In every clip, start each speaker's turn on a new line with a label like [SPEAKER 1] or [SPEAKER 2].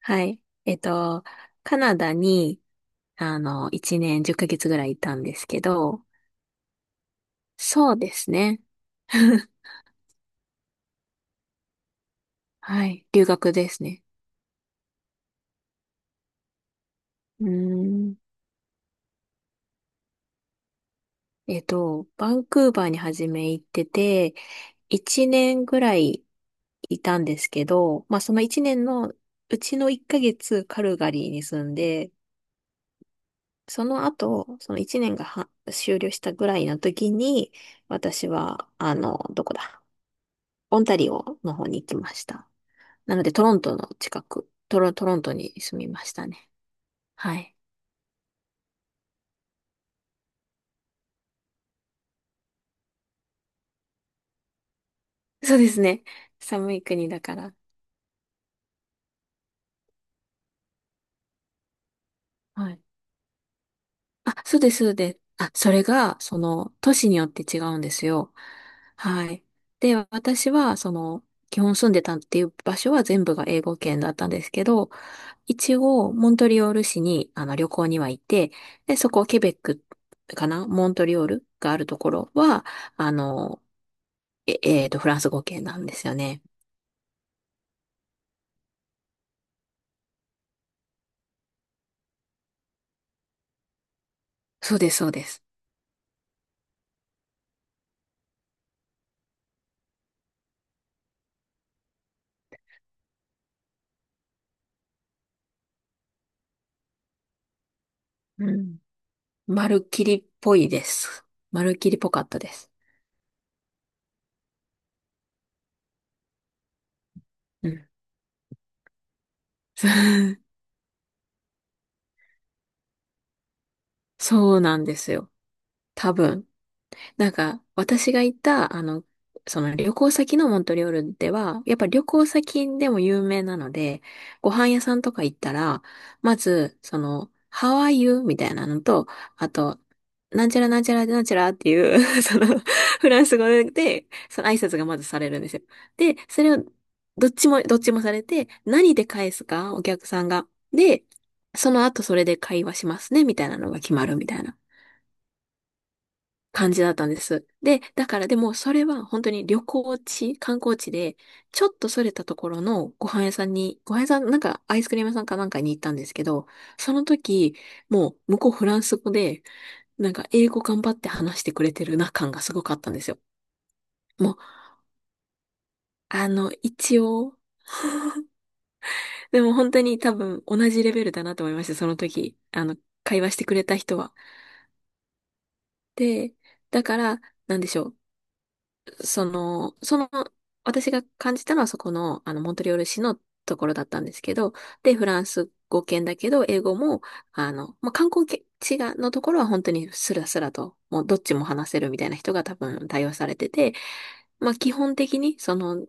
[SPEAKER 1] はい。カナダに、1年10ヶ月ぐらいいたんですけど、そうですね。はい。留学ですね。うーん。バンクーバーに初め行ってて、1年ぐらいいたんですけど、まあその1年のうちの1ヶ月カルガリーに住んで、その後、その1年がは終了したぐらいの時に、私は、どこだ、オンタリオの方に行きました。なので、トロントの近く、トロントに住みましたね。はい。そうですね。寒い国だから。はい。あ、そうです、そうです。あ、それが、都市によって違うんですよ。はい。で、私は、基本住んでたっていう場所は全部が英語圏だったんですけど、一応、モントリオール市に、旅行には行って、で、そこ、ケベックかなモントリオールがあるところは、あの、え、えーと、フランス語圏なんですよね。そうです、そうです。うん。まるっきりっぽいです。まるっきりっぽかったです。うん。そうなんですよ。多分。なんか、私が行った、旅行先のモントリオールでは、やっぱ旅行先でも有名なので、ご飯屋さんとか行ったら、まず、How are you? みたいなのと、あと、なんちゃらなんちゃらなんちゃらっていう フランス語で、その挨拶がまずされるんですよ。で、それを、どっちもされて、何で返すか、お客さんが。で、その後それで会話しますね、みたいなのが決まるみたいな感じだったんです。で、だからでもそれは本当に旅行地、観光地で、ちょっとそれたところのご飯屋さんに、ご飯屋さん、なんかアイスクリーム屋さんかなんかに行ったんですけど、その時、もう向こうフランス語で、なんか英語頑張って話してくれてるな感がすごかったんですよ。もう、一応、でも本当に多分同じレベルだなと思いました、その時。会話してくれた人は。で、だから、なんでしょう。その、その、私が感じたのはそこの、モントリオール市のところだったんですけど、で、フランス語圏だけど、英語も、まあ、観光地が、のところは本当にスラスラと、もうどっちも話せるみたいな人が多分対応されてて、まあ、基本的に、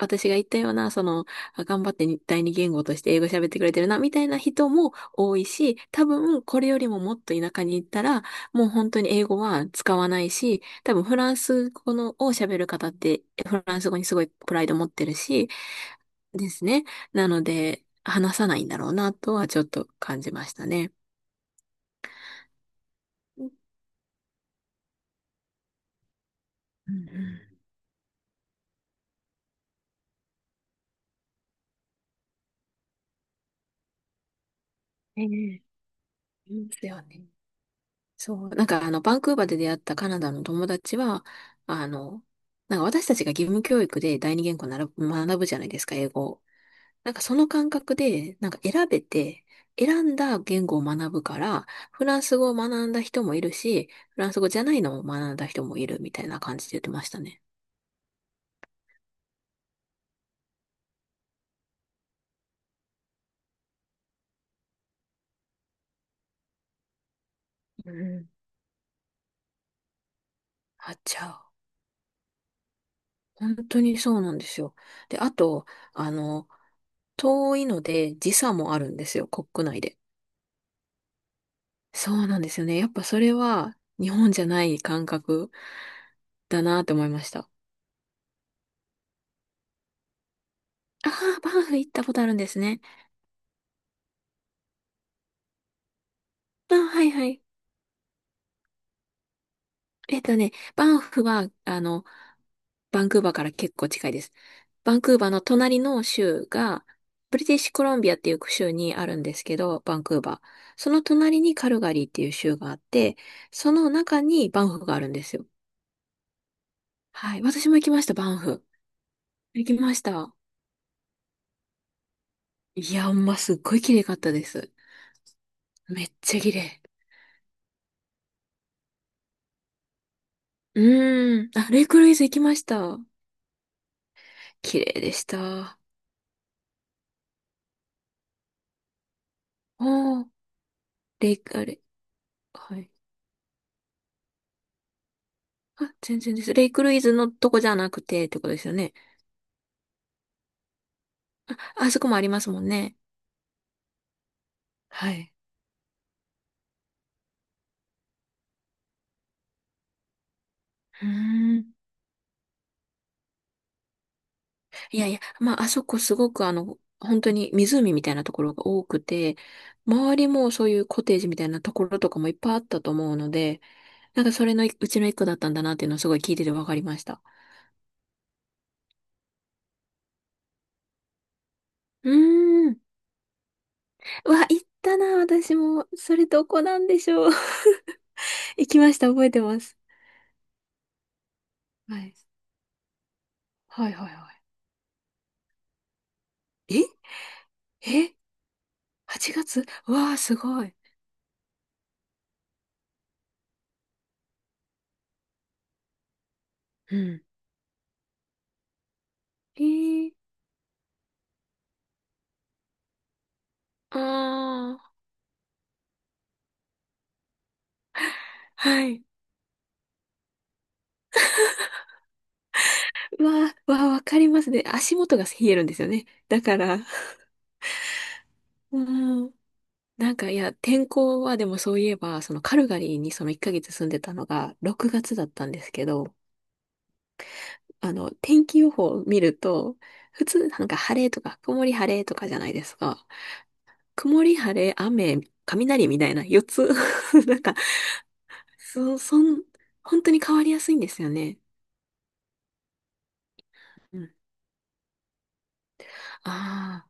[SPEAKER 1] 私が言ったような、あ頑張ってに第二言語として英語喋ってくれてるな、みたいな人も多いし、多分、これよりももっと田舎に行ったら、もう本当に英語は使わないし、多分、フランス語のを喋る方って、フランス語にすごいプライド持ってるし、ですね。なので、話さないんだろうな、とはちょっと感じましたね。うんうん。ええ、いいですよね。そう、なんかバンクーバーで出会ったカナダの友達は、あの、なんか私たちが義務教育で第二言語なら学ぶじゃないですか、英語を。なんかその感覚で、なんか選べて、選んだ言語を学ぶから、フランス語を学んだ人もいるし、フランス語じゃないのを学んだ人もいるみたいな感じで言ってましたね。うんあっちゃう。本当にそうなんですよ。で、あと、あの、遠いので時差もあるんですよ、国内で。そうなんですよね。やっぱそれは日本じゃない感覚だなって思いました。ああ、バンフ行ったことあるんですね。あはいはい。バンフは、バンクーバーから結構近いです。バンクーバーの隣の州が、ブリティッシュコロンビアっていう州にあるんですけど、バンクーバー。その隣にカルガリーっていう州があって、その中にバンフがあるんですよ。はい。私も行きました、バンフ。行きました。いや、ほんますっごい綺麗かったです。めっちゃ綺麗。うーん。あ、レイクルイズ行きました。綺麗でした。おー、レイク、あれ、はい。あ、全然です。レイクルイズのとこじゃなくてってことですよね。あ、あそこもありますもんね。はい。うーん。いやいや、まあ、あそこすごく本当に湖みたいなところが多くて、周りもそういうコテージみたいなところとかもいっぱいあったと思うので、なんかそれのうちの一個だったんだなっていうのをすごい聞いててわかりました。うーん。うわ、行ったな、私も。それどこなんでしょう。行きました、覚えてます。はい。はいはいはい。ええ？ 8月、うわあ、すごい。うん。えー、ああ、はい。うわあ、わあ、わかりますね。足元が冷えるんですよね。だから、うん。なんか、いや、天候はでもそういえば、そのカルガリーにその1ヶ月住んでたのが6月だったんですけど、天気予報を見ると、普通なんか晴れとか曇り晴れとかじゃないですか。曇り、晴れ、雨、雷みたいな4つ、 なんか、そ、そん、本当に変わりやすいんですよね。うん。あ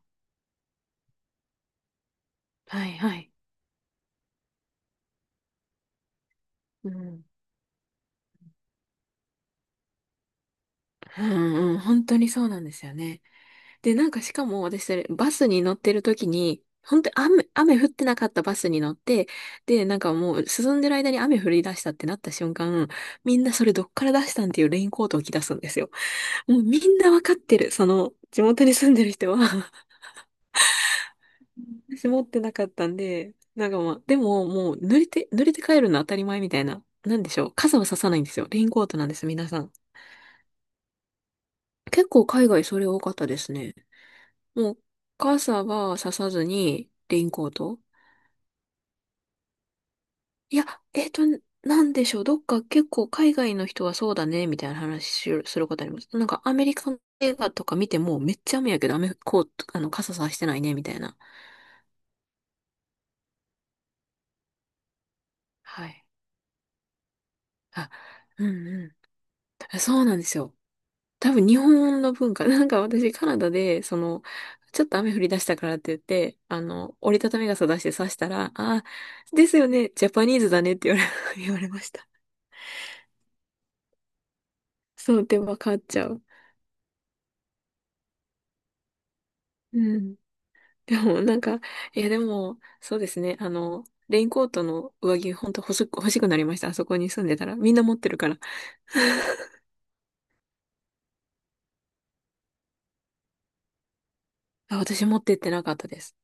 [SPEAKER 1] あ、はいはい。うん。うんうん、本当にそうなんですよね。で、なんかしかも私それ、バスに乗ってる時に、本当に雨降ってなかったバスに乗って、で、なんかもう進んでる間に雨降り出したってなった瞬間、みんなそれどっから出したんっていうレインコートを着出すんですよ。もうみんなわかってる。地元に住んでる人は、私持ってなかったんで、なんかまあ、でももう濡れて帰るの当たり前みたいな。なんでしょう。傘はささないんですよ。レインコートなんです、皆さん。結構海外それ多かったですね。もう、傘はささずに、レインコート、いや、えっと、なんでしょう。どっか結構海外の人はそうだね、みたいな話しすることあります。なんかアメリカの映画とか見ても、めっちゃ雨やけど、雨、コート、傘さしてないね、みたいな。はい。あ、うんうん。そうなんですよ。多分日本の文化。なんか私カナダで、ちょっと雨降り出したからって言って、折りたたみ傘出して刺したら、ああ、ですよね、ジャパニーズだねって言われ、言われました。そう、で、わかっちゃう。うん。でも、なんか、いや、でも、そうですね、レインコートの上着、ほんと欲しくなりました。あそこに住んでたら。みんな持ってるから。あ、私持ってってなかったです。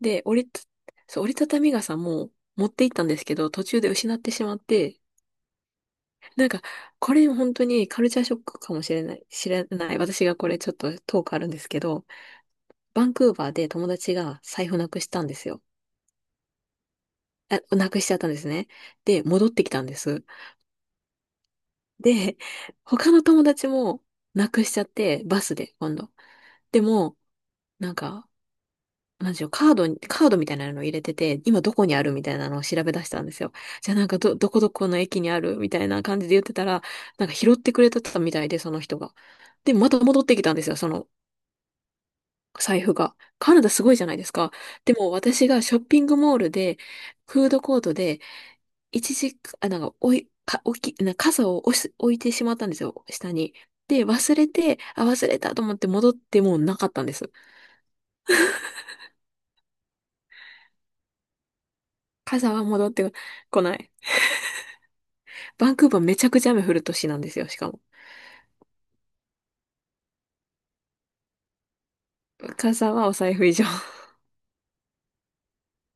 [SPEAKER 1] で、折りたたみ傘も持って行ったんですけど、途中で失ってしまって、なんか、これ本当にカルチャーショックかもしれない、知らない。私がこれちょっとトークあるんですけど、バンクーバーで友達が財布なくしたんですよ。あ、なくしちゃったんですね。で、戻ってきたんです。で、他の友達もなくしちゃって、バスで今度。でも、なんか、なんでしょう、カードみたいなのを入れてて、今どこにあるみたいなのを調べ出したんですよ。じゃあ、なんかどこどこの駅にあるみたいな感じで言ってたら、なんか拾ってくれてたみたいで、その人が。で、また戻ってきたんですよ、その財布が。カナダすごいじゃないですか。でも私がショッピングモールで、フードコートで、一時、あ、なんか、おい、か、置き、な傘を置いてしまったんですよ、下に。で、忘れたと思って戻ってもうなかったんです。傘は戻ってこない。バンクーバーめちゃくちゃ雨降る都市なんですよ、しかも。傘はお財布以上。